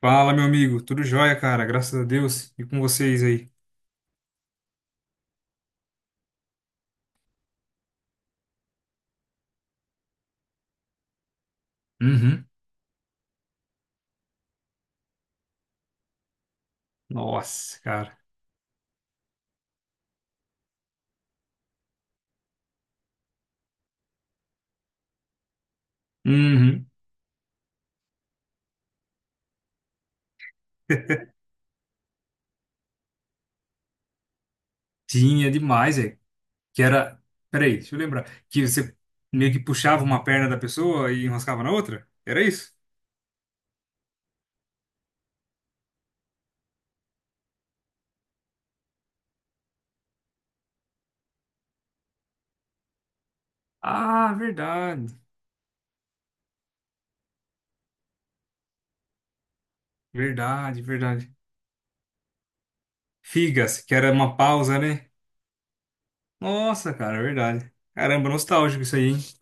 Fala, meu amigo. Tudo jóia, cara. Graças a Deus. E com vocês aí? Uhum. Nossa, cara. Uhum. Tinha demais, é. Que era. Peraí, deixa eu lembrar. Que você meio que puxava uma perna da pessoa e enroscava na outra? Era isso? Ah, verdade. Verdade, verdade. Figas, que era uma pausa, né? Nossa, cara, verdade. Caramba, nostálgico isso aí, hein?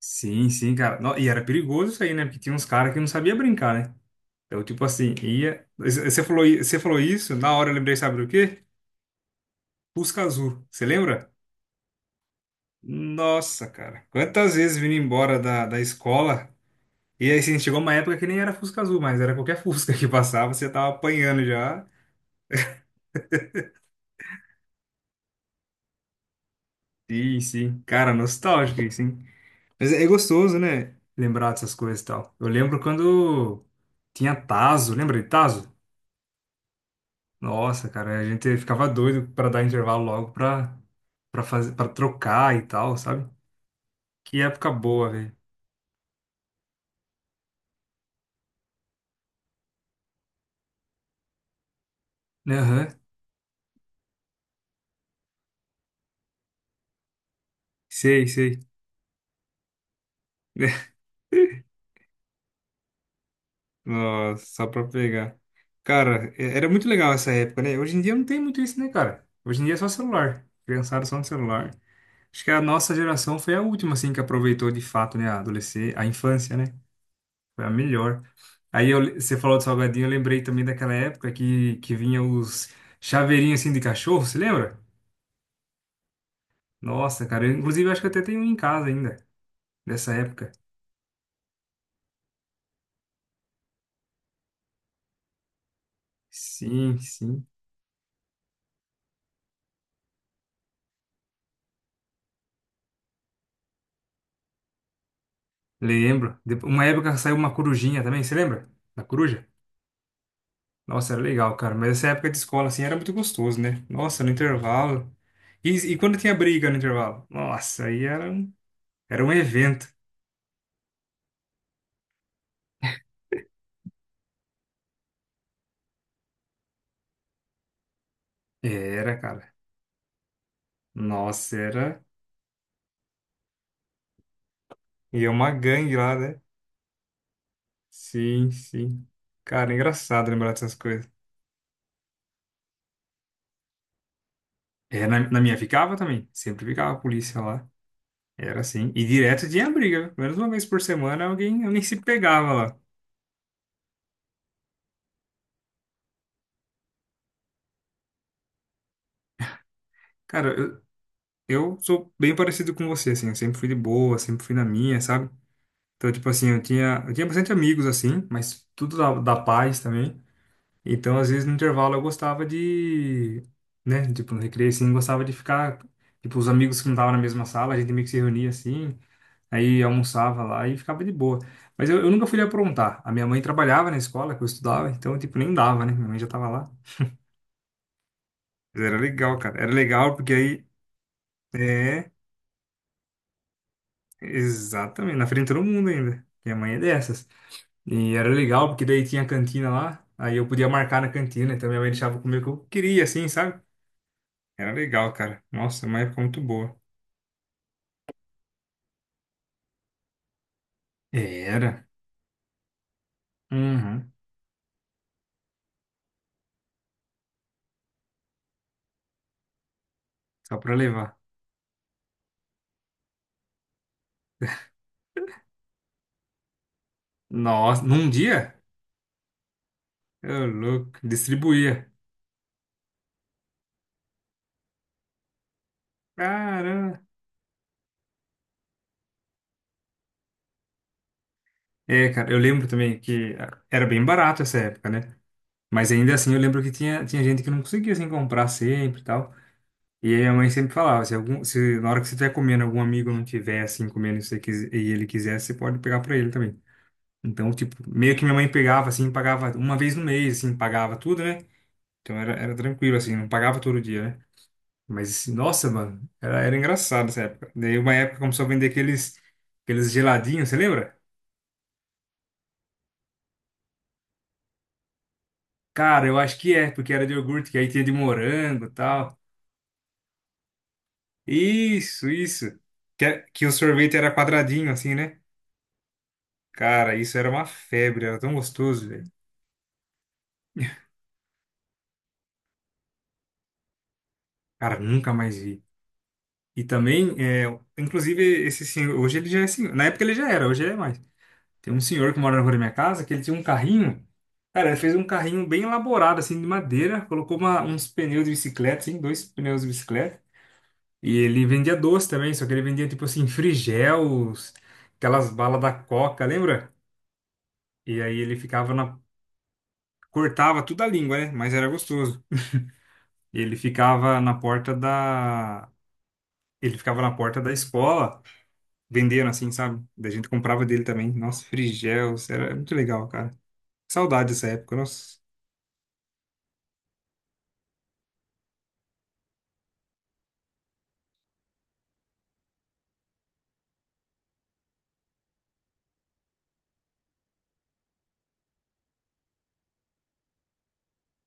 Sim, sim, cara. E era perigoso isso aí, né? Porque tinha uns caras que não sabia brincar, né? Eu, tipo assim, ia. Você falou, você falou isso, na hora eu lembrei, sabe do quê? Fusca Azul. Você lembra? Nossa, cara. Quantas vezes vindo embora da escola. E aí, assim, chegou uma época que nem era Fusca Azul, mas era qualquer Fusca que passava, você tava apanhando já. Sim, sim. Cara, nostálgico isso, hein? Mas é gostoso, né? Lembrar dessas coisas e tal. Eu lembro quando tinha Tazo, lembra de Tazo? Nossa, cara, a gente ficava doido pra dar intervalo logo pra, pra, fazer, pra trocar e tal, sabe? Que época boa, velho. Aham. Sei, sei. Nossa, só pra pegar. Cara, era muito legal essa época, né? Hoje em dia não tem muito isso, né, cara? Hoje em dia é só celular. Criançada só no celular. Acho que a nossa geração foi a última, assim, que aproveitou de fato, né? A adolescência, a infância, né? Foi a melhor. Aí eu, você falou do salgadinho, eu lembrei também daquela época que vinha os chaveirinhos, assim, de cachorro, você lembra? Nossa, cara, eu, inclusive acho que eu até tenho um em casa ainda, dessa época. Sim, sim. Lembro. Uma época saiu uma corujinha também, você lembra? Da coruja? Nossa, era legal, cara. Mas essa época de escola, assim, era muito gostoso, né? Nossa, no intervalo. E quando tinha briga no intervalo? Nossa, aí era um evento. Era, cara. Nossa, era. E é uma gangue lá, né? Sim, sim. Cara, é engraçado lembrar dessas coisas. É, na minha ficava também. Sempre ficava a polícia lá. Era assim. E direto tinha briga. Viu? Menos uma vez por semana alguém, alguém se pegava lá. Cara, eu sou bem parecido com você, assim, eu sempre fui de boa, sempre fui na minha, sabe? Então, tipo assim, eu tinha bastante amigos, assim, mas tudo da paz também. Então, às vezes, no intervalo, eu gostava de, né, tipo, no recreio, assim, gostava de ficar, tipo, os amigos que não estavam na mesma sala, a gente meio que se reunia, assim, aí almoçava lá e ficava de boa. Mas eu nunca fui de aprontar. A minha mãe trabalhava na escola que eu estudava, então, tipo, nem dava, né? Minha mãe já tava lá. Mas era legal, cara. Era legal porque aí... É. Exatamente, na frente de todo mundo ainda. Minha mãe é dessas. E era legal, porque daí tinha a cantina lá, aí eu podia marcar na cantina, então minha mãe deixava eu comer o que eu queria, assim, sabe? Era legal, cara. Nossa, é uma época muito boa. Era. Uhum. Só pra levar. Nossa, num dia? Eu louco, distribuía. Caramba. É, cara, eu lembro também que era bem barato essa época, né? Mas ainda assim eu lembro que tinha gente que não conseguia, assim, comprar sempre e tal. E aí a mãe sempre falava, se, algum, se na hora que você estiver comendo, algum amigo não tiver assim comendo e você e ele quiser, você pode pegar pra ele também. Então, tipo, meio que minha mãe pegava assim, pagava uma vez no mês, assim, pagava tudo, né? Então era, era tranquilo, assim, não pagava todo dia, né? Mas, assim, nossa, mano, era, era engraçado essa época. Daí uma época começou a vender aqueles, aqueles geladinhos, você lembra? Cara, eu acho que é, porque era de iogurte, que aí tinha de morango e tal. Isso, isso. Que, é, que o sorvete era quadradinho, assim, né? Cara, isso era uma febre, era tão gostoso, velho. Cara, nunca mais vi. E também, é, inclusive, esse senhor, hoje ele já é senhor. Na época ele já era, hoje ele é mais. Tem um senhor que mora na rua da minha casa, que ele tinha um carrinho. Cara, ele fez um carrinho bem elaborado, assim, de madeira. Colocou uns pneus de bicicleta, assim, dois pneus de bicicleta. E ele vendia doce também, só que ele vendia, tipo assim, frigels, aquelas balas da Coca, lembra? E aí ele ficava na... Cortava tudo a língua, né? Mas era gostoso. Ele ficava na porta da... Ele ficava na porta da escola, vendendo assim, sabe? Daí a gente comprava dele também. Nossa, Frigels, era muito legal, cara. Saudade dessa época, nossa.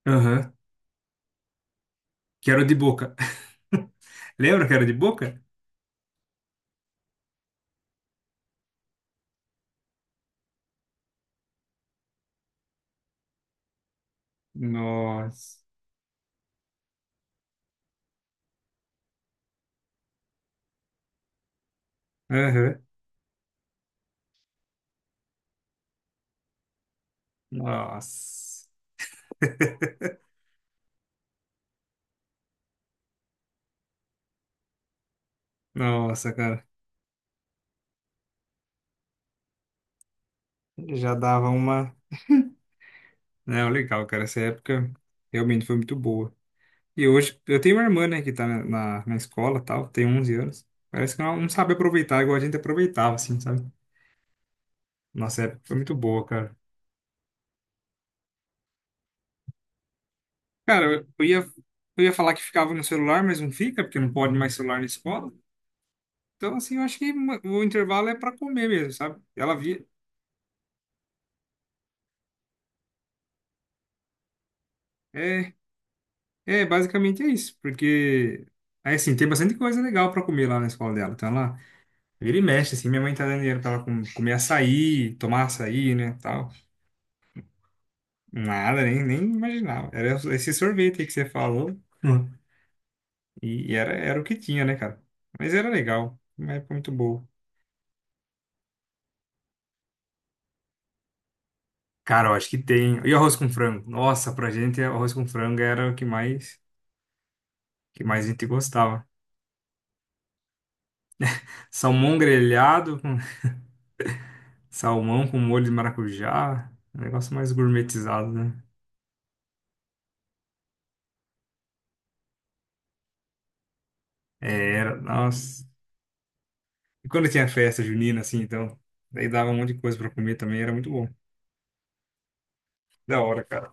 Aham, que era o de boca. Lembra que era de boca? Nossa. Aham. Nossa. Nossa, cara. Já dava uma. Não, legal, cara. Essa época realmente foi muito boa. E hoje, eu tenho uma irmã, né, que tá na, na, na escola e tal, tem 11 anos. Parece que ela não sabe aproveitar igual a gente aproveitava, assim, sabe? Nossa época foi muito boa, cara. Cara, eu ia falar que ficava no celular, mas não fica, porque não pode mais celular na escola. Então, assim, eu acho que o intervalo é para comer mesmo, sabe? Ela via. É, é, basicamente é isso, porque. Aí, assim, tem bastante coisa legal para comer lá na escola dela. Então, ela vira e mexe, assim, minha mãe tá dando dinheiro pra ela comer açaí, tomar açaí, né, tal. Nada, nem, nem imaginava. Era esse sorvete aí que você falou. E, era o que tinha, né, cara? Mas era legal, uma época muito boa. Cara, eu acho que tem. E arroz com frango? Nossa, pra gente, arroz com frango era o que mais a gente gostava. Salmão grelhado, com salmão com molho de maracujá, um negócio mais gourmetizado, né? É, era, nossa. E quando tinha festa junina, assim, então, daí dava um monte de coisa pra comer também, era muito bom. Da hora, cara.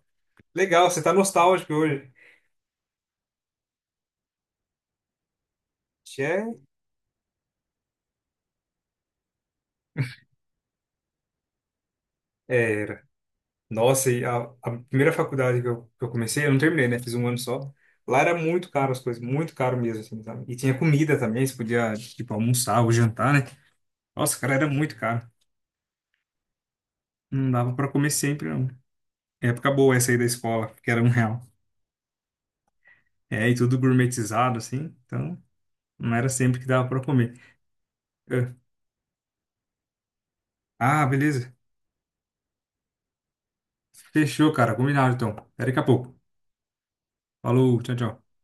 Legal, você tá nostálgico hoje. Tchê. É, nossa, e a primeira faculdade que eu comecei, eu não terminei, né? Fiz um ano só. Lá era muito caro as coisas, muito caro mesmo, assim, sabe? E tinha comida também, você podia, tipo, almoçar ou jantar, né? Nossa, cara, era muito caro. Não dava pra comer sempre, não. Época boa essa aí da escola, que era um real. É, e tudo gourmetizado, assim, então não era sempre que dava pra comer. É. Ah, beleza. Fechou, cara, combinado, então. Até daqui a pouco. Falou, tchau, tchau.